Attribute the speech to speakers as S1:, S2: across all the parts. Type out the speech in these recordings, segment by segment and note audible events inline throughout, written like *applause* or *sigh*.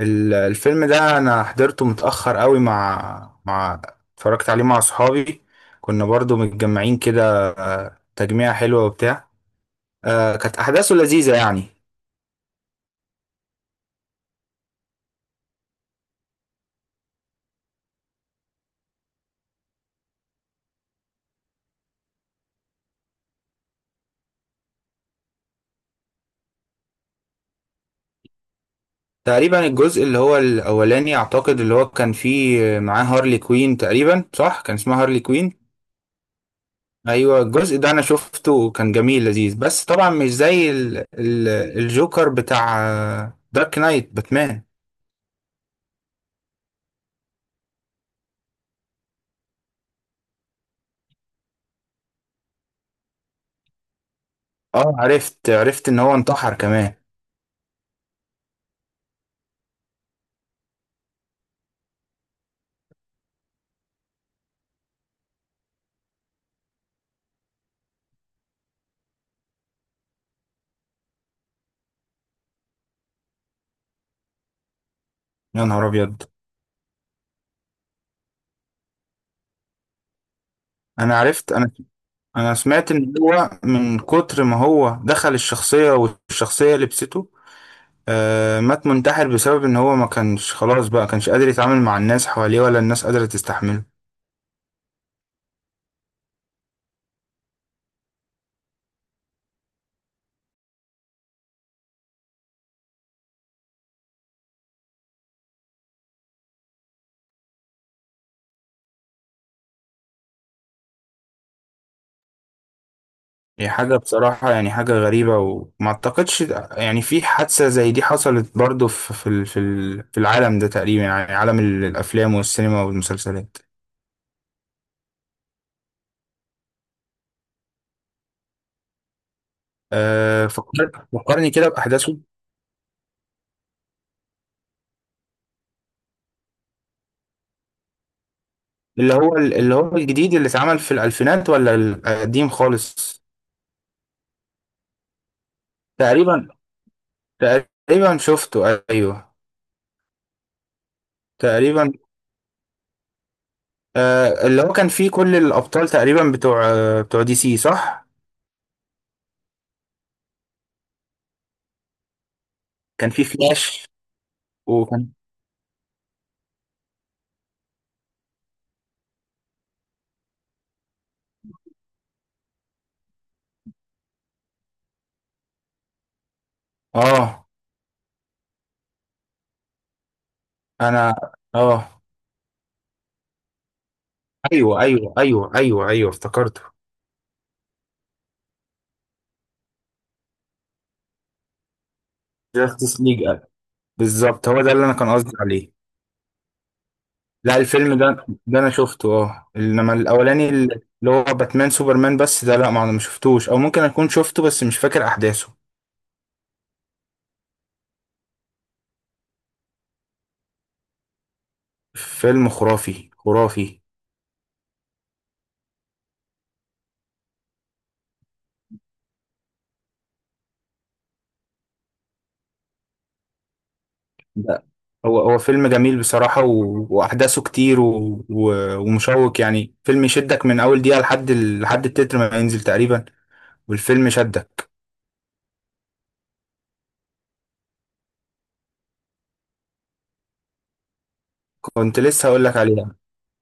S1: الفيلم ده انا حضرته متأخر قوي مع مع اتفرجت عليه مع صحابي. كنا برضو متجمعين كده، تجميعة حلوة وبتاع. كانت احداثه لذيذة يعني. تقريبا الجزء اللي هو الاولاني، اعتقد اللي هو كان فيه معاه هارلي كوين، تقريبا صح كان اسمها هارلي كوين. ايوه، الجزء ده انا شفته وكان جميل لذيذ، بس طبعا مش زي ال الجوكر بتاع دارك نايت باتمان. اه، عرفت ان هو انتحر كمان. يا نهار ابيض. انا عرفت انا انا سمعت ان هو من كتر ما هو دخل الشخصية والشخصية لبسته. مات منتحر بسبب ان هو ما كانش خلاص، بقى كانش قادر يتعامل مع الناس حواليه، ولا الناس قادرة تستحمله. هي حاجة بصراحة، يعني حاجة غريبة، وما اعتقدش يعني في حادثة زي دي حصلت برضو في العالم ده، تقريبا يعني عالم الافلام والسينما والمسلسلات. فكرني كده باحداثه. اللي هو الجديد اللي اتعمل في الألفينات ولا القديم خالص؟ تقريبا تقريبا شفته، ايوه. تقريبا. اللي هو كان فيه كل الابطال تقريبا، بتوع دي سي صح. كان فيه فلاش، وكان اه انا اه ايوه ايوه ايوه ايوه ايوه افتكرته. جاستس ليج. بالظبط، هو ده اللي انا كان قصدي عليه. لا، الفيلم ده انا شفته. اه انما الاولاني، اللي هو باتمان سوبرمان، بس ده لا ما انا ما شفتوش، او ممكن اكون شفته بس مش فاكر احداثه. فيلم خرافي خرافي. لا، هو فيلم جميل بصراحة، و... وأحداثه كتير، و... و... ومشوق، يعني فيلم يشدك من أول دقيقة لحد لحد التتر ما ينزل تقريبا. والفيلم شدك. كنت لسه هقول لك عليها.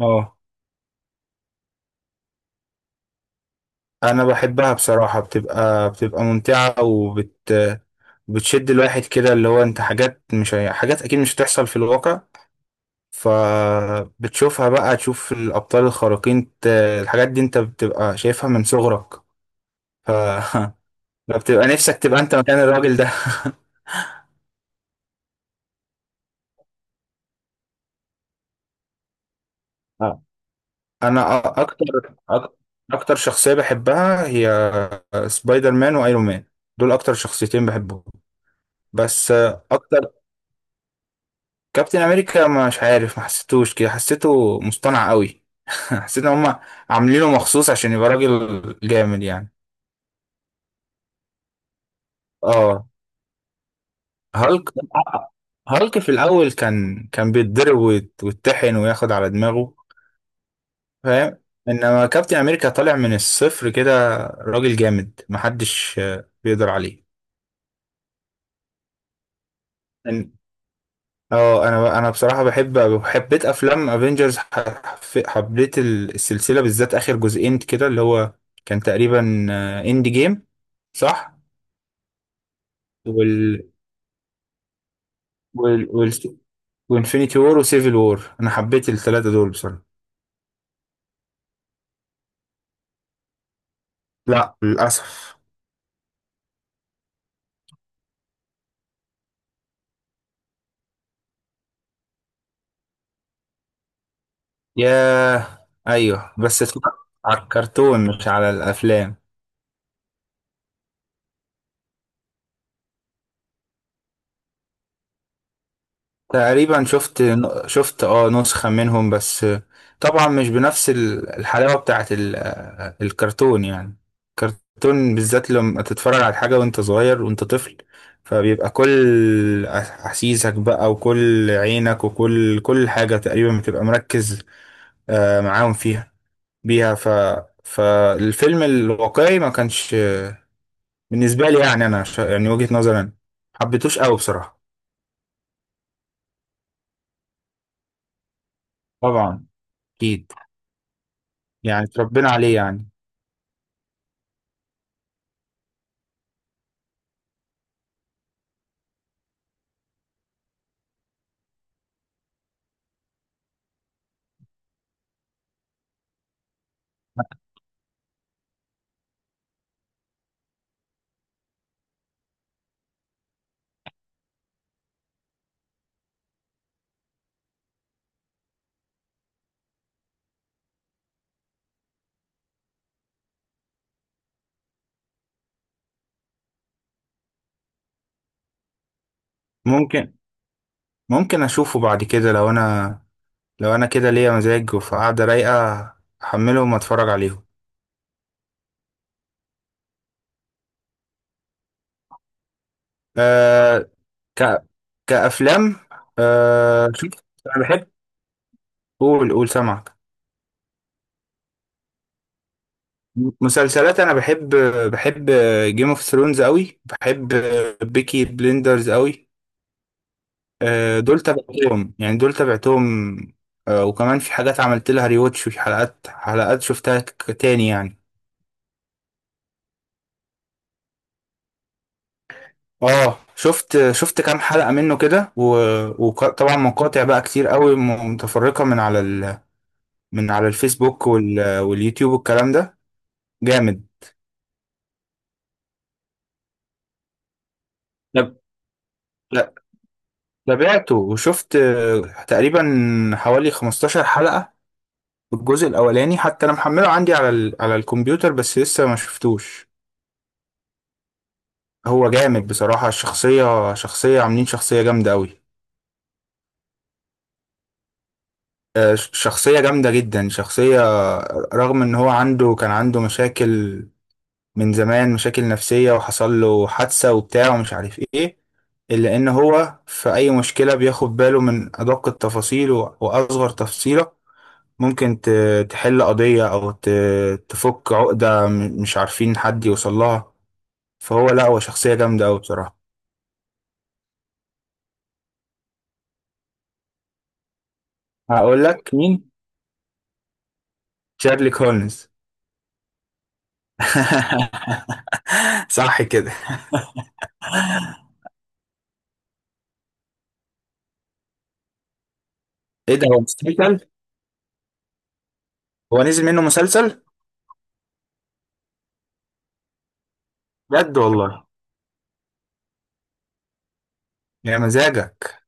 S1: اه أنا بحبها بصراحة، بتبقى ممتعة، بتشد الواحد كده. اللي هو أنت، حاجات مش حاجات أكيد مش هتحصل في الواقع. فبتشوفها بقى تشوف الأبطال الخارقين، الحاجات دي أنت بتبقى شايفها من صغرك. ف *laughs* ما بتبقى نفسك تبقى انت مكان الراجل ده. *laughs* اه انا أك- اكتر شخصية بحبها هي سبايدر مان وايرون مان. دول اكتر شخصيتين بحبهم. بس اكتر، كابتن امريكا مش عارف، ما حسيتوش كده، حسيته مصطنع قوي. *laughs* حسيت ان هم عاملينه مخصوص عشان يبقى راجل جامد يعني. اه هالك هالك في الاول كان بيتضرب، ويتطحن وياخد على دماغه، فاهم. انما كابتن امريكا طالع من الصفر كده، راجل جامد محدش بيقدر عليه. إن- انا بصراحه بحب، حبيت افلام افنجرز. حبيت السلسله بالذات، اخر جزئين كده اللي هو كان تقريبا اند جيم، صح. وال وال وال وانفينيتي وور وسيفل وور، انا حبيت الثلاثه دول بصراحه. لا للاسف. ياه. ايوه، بس اتفرجت على الكرتون مش على الافلام. تقريبا شفت نسخة منهم بس، طبعا مش بنفس الحلاوة بتاعت الكرتون يعني. الكرتون بالذات لما تتفرج على حاجة وانت صغير، وانت طفل، فبيبقى كل أحاسيسك بقى، وكل عينك، وكل حاجة تقريبا بتبقى مركز معاهم فيها بيها. فالفيلم الواقعي ما كانش، بالنسبة لي يعني، أنا يعني وجهة نظري أنا حبيتوش قوي بصراحة. طبعا. أكيد، يعني اتربينا عليه يعني. ممكن ممكن اشوفه بعد كده لو انا كده ليا مزاج وفي قعده رايقه، احملهم واتفرج عليهم. أه ك كافلام. شوف، انا بحب. قول قول سامعك. مسلسلات انا بحب جيم اوف ثرونز قوي. بحب بيكي بليندرز قوي. دول تابعتهم يعني، دول تابعتهم. وكمان في حاجات عملت لها ريواتش، وفي حلقات، حلقات شفتها تاني يعني. اه شفت كام حلقة منه كده، وطبعا مقاطع بقى كتير قوي متفرقة من على من على الفيسبوك واليوتيوب والكلام ده، جامد. طب لا، تابعته وشفت تقريبا حوالي 15 حلقة. الجزء الأولاني حتى أنا محمله عندي على على الكمبيوتر، بس لسه ما شفتوش. هو جامد بصراحة، الشخصية، شخصية عاملين شخصية جامدة قوي. شخصية جامدة جدا. شخصية رغم إن هو عنده، كان عنده مشاكل من زمان، مشاكل نفسية، وحصل له حادثة وبتاع ومش عارف ايه، إلا إن هو في أي مشكلة بياخد باله من أدق التفاصيل، وأصغر تفصيلة. ممكن تحل قضية، أو تفك عقدة مش عارفين حد يوصل لها. فهو لأ، هو شخصية جامدة أوي بصراحة. هقول لك مين؟ شارلوك هولمز. *laughs* صح كده. إيه ده، هو مسلسل؟ هو نزل منه مسلسل؟ بجد والله. يا مزاجك.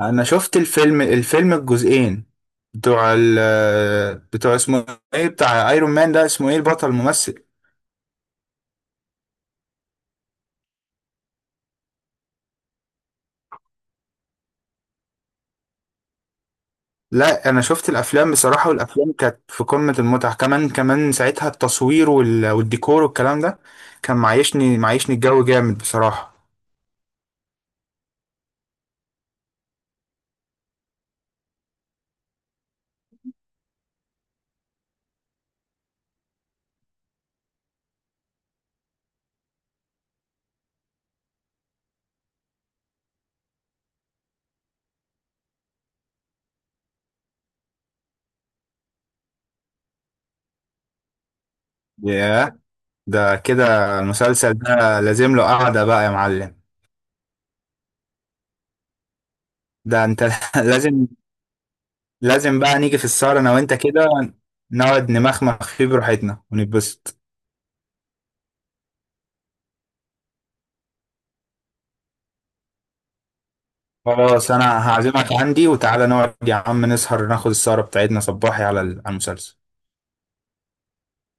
S1: انا شفت الفيلم الجزئين بتوع ال بتوع، اسمه ايه بتاع ايرون مان ده، اسمه ايه البطل الممثل. لا، انا شفت الافلام بصراحة، والافلام كانت في قمة المتعة، كمان كمان ساعتها التصوير والديكور والكلام ده، كان معيشني الجو جامد بصراحة. ياه. ده كده المسلسل ده لازم له قعدة بقى يا معلم. ده انت. *laughs* لازم. لازم بقى نيجي في السهرة انا وانت كده، نقعد نمخمخ فيه براحتنا ونتبسط. خلاص، انا هعزمك عندي، وتعالى نقعد يا عم نسهر، ناخد السهرة بتاعتنا صباحي على على المسلسل.